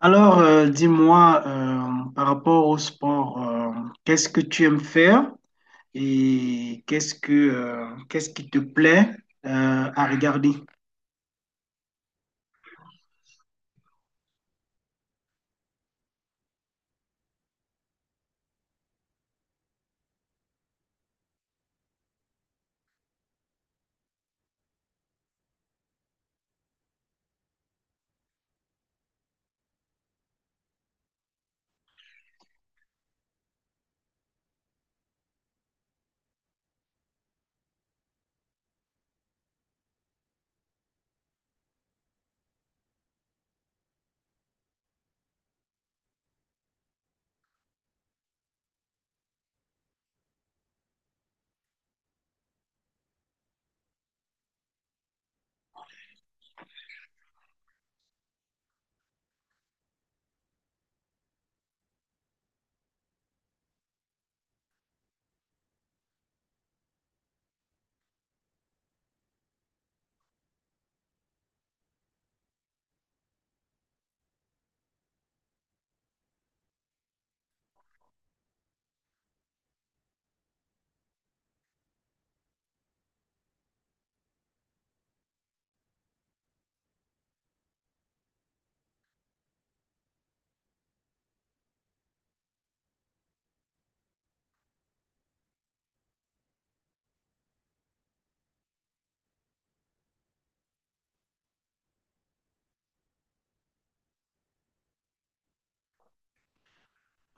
Dis-moi, par rapport au sport, qu'est-ce que tu aimes faire et qu'est-ce qui te plaît à regarder?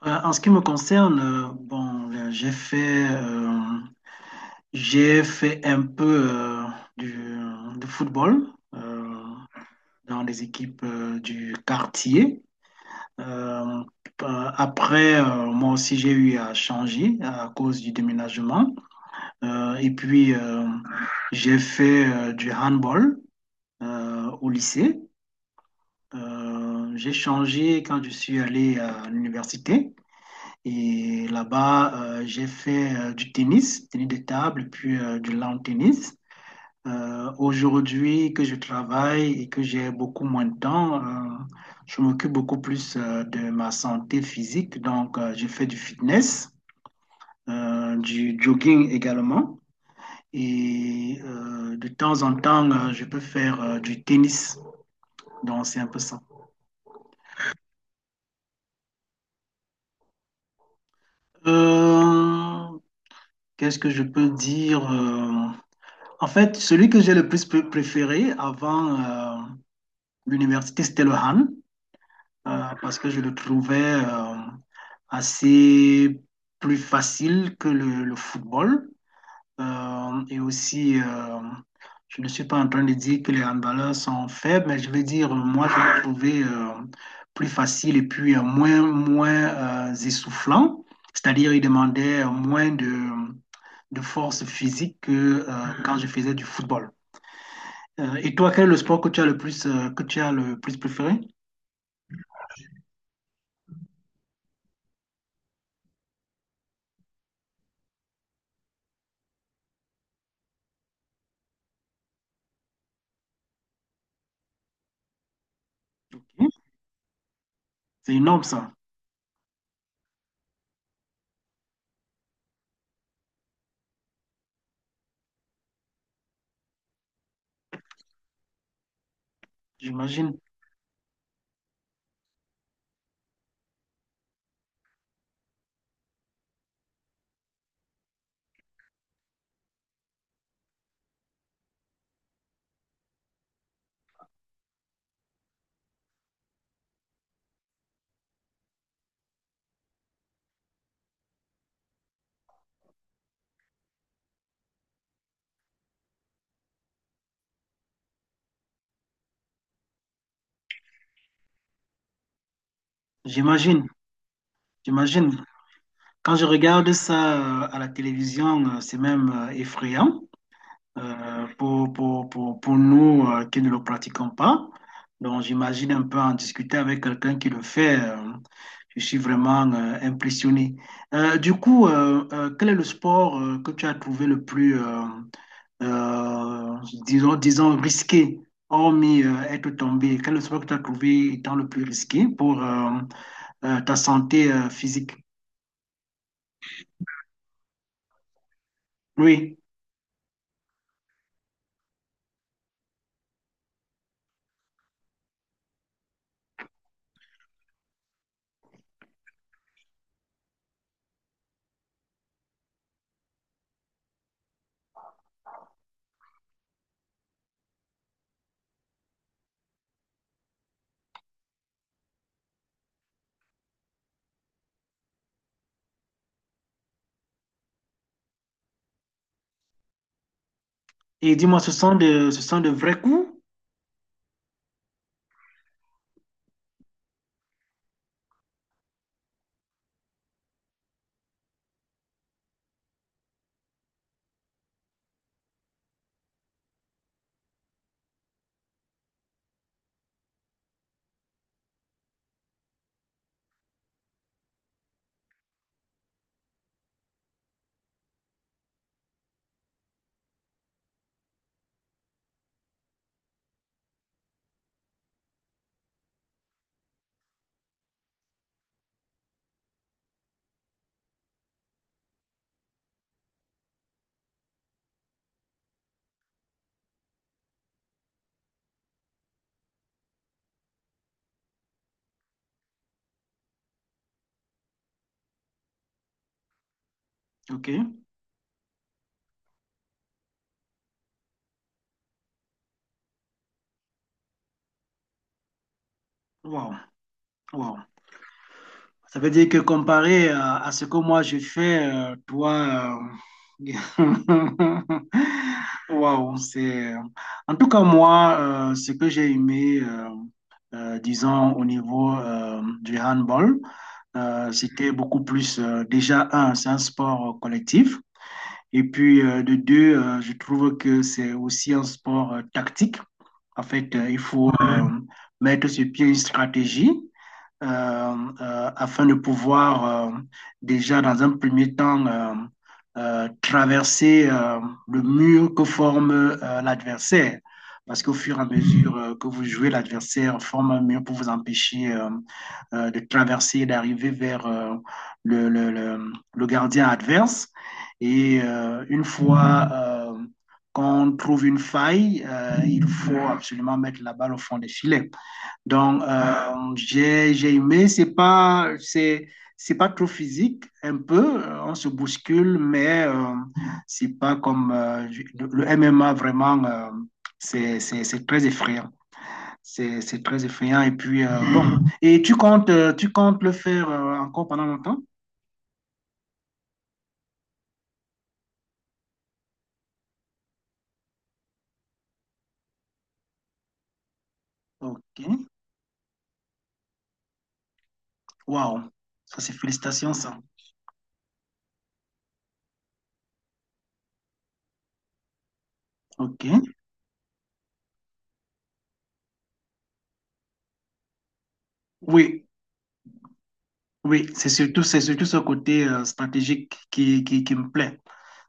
En ce qui me concerne, bon, là, j'ai fait un peu du, de football euh, dans les équipes du quartier. Euh, après, moi aussi, j'ai eu à changer à cause du déménagement. Et puis, j'ai fait du handball au lycée. J'ai changé quand je suis allé à l'université. Et là-bas, j'ai fait du tennis, tennis de table, puis du lawn tennis. Aujourd'hui que je travaille et que j'ai beaucoup moins de temps, je m'occupe beaucoup plus de ma santé physique. Donc, je fais du fitness, du jogging également. Et de temps en temps, je peux faire du tennis. Donc, c'est un peu ça. Euh, Qu'est-ce que je peux dire? En fait, celui que j'ai le plus préféré avant l'université, c'était le Han, parce que je le trouvais assez plus facile que le football. Et aussi, je ne suis pas en train de dire que les handballeurs sont faibles, mais je veux dire, moi, je l'ai trouvé plus facile et puis moins, moins essoufflant. C'est-à-dire, il demandait de force physique que quand je faisais du football. Et toi, quel est le sport que tu as le plus, que tu as le plus préféré? C'est énorme, ça. J'imagine, j'imagine, j'imagine. Quand je regarde ça à la télévision, c'est même effrayant. Pour, pour nous qui ne le pratiquons pas. Donc, j'imagine un peu en discuter avec quelqu'un qui le fait. Je suis vraiment impressionné. Du coup, quel est le sport que tu as trouvé le plus, euh, disons, disons, risqué, hormis être tombé? Quel est le sport que tu as trouvé étant le plus risqué pour ta santé physique? Oui. Et dis-moi, ce sont ce sont de vrais coups? OK. Wow. Wow. Ça veut dire que comparé à ce que moi je fais, toi, euh, waouh, c'est. En tout cas, moi, ce que j'ai aimé, disons, au niveau du handball, c'était beaucoup plus. Déjà, un, c'est un sport collectif. Et puis, de deux, je trouve que c'est aussi un sport tactique. En fait, il faut mettre sur pied une stratégie euh, afin de pouvoir déjà dans un premier temps traverser le mur que forme l'adversaire parce qu'au fur et à mesure que vous jouez, l'adversaire forme un mur pour vous empêcher de traverser et d'arriver vers le, le, le, gardien adverse. Et une fois qu'on trouve une faille, il faut absolument mettre la balle au fond des filets. Donc, j'ai aimé, c'est pas trop physique, un peu, on se bouscule, mais c'est pas comme le MMA vraiment, c'est très effrayant. C'est très effrayant. Et puis, bon, et tu comptes le faire encore pendant longtemps? Ok. Waouh. Ça, c'est félicitations, ça. Ok. Oui, c'est surtout ce côté stratégique qui me plaît.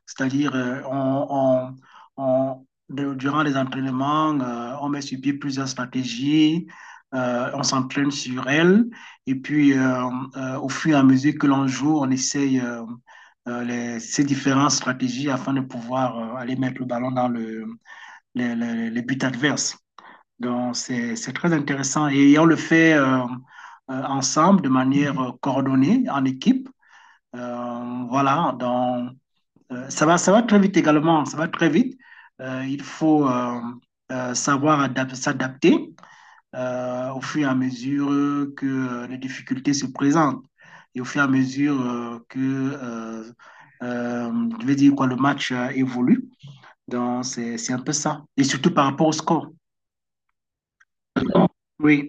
C'est-à-dire, durant les entraînements, on met sur pied plusieurs stratégies, on s'entraîne sur elles, et puis au fur et à mesure que l'on joue, on essaye ces différentes stratégies afin de pouvoir aller mettre le ballon dans les buts adverses. Donc, c'est très intéressant et on le fait ensemble de manière coordonnée, en équipe. Voilà, donc. Ça va, ça va très vite également, ça va très vite. Il faut savoir s'adapter au fur et à mesure que les difficultés se présentent et au fur et à mesure que je vais dire quoi, le match évolue. Donc, c'est un peu ça. Et surtout par rapport au score. Oui.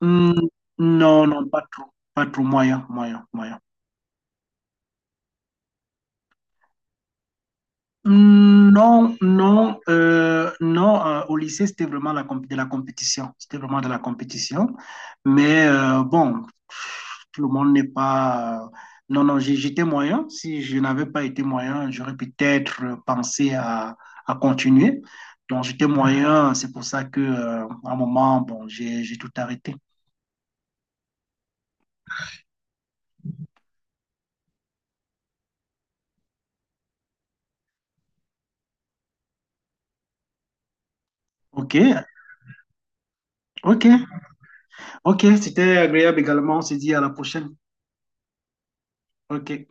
Hmm, non, non, pas trop. Pas trop moyen, moyen, moyen. Non, non, non. Au lycée, c'était vraiment la comp- de la compétition. C'était vraiment de la compétition. Mais bon, tout le monde n'est pas. Non, non, j'étais moyen. Si je n'avais pas été moyen, j'aurais peut-être pensé à continuer. Donc, j'étais moyen. C'est pour ça que, à un moment, bon, j'ai tout arrêté. OK, OK, OK. C'était agréable également. On se dit à la prochaine. OK.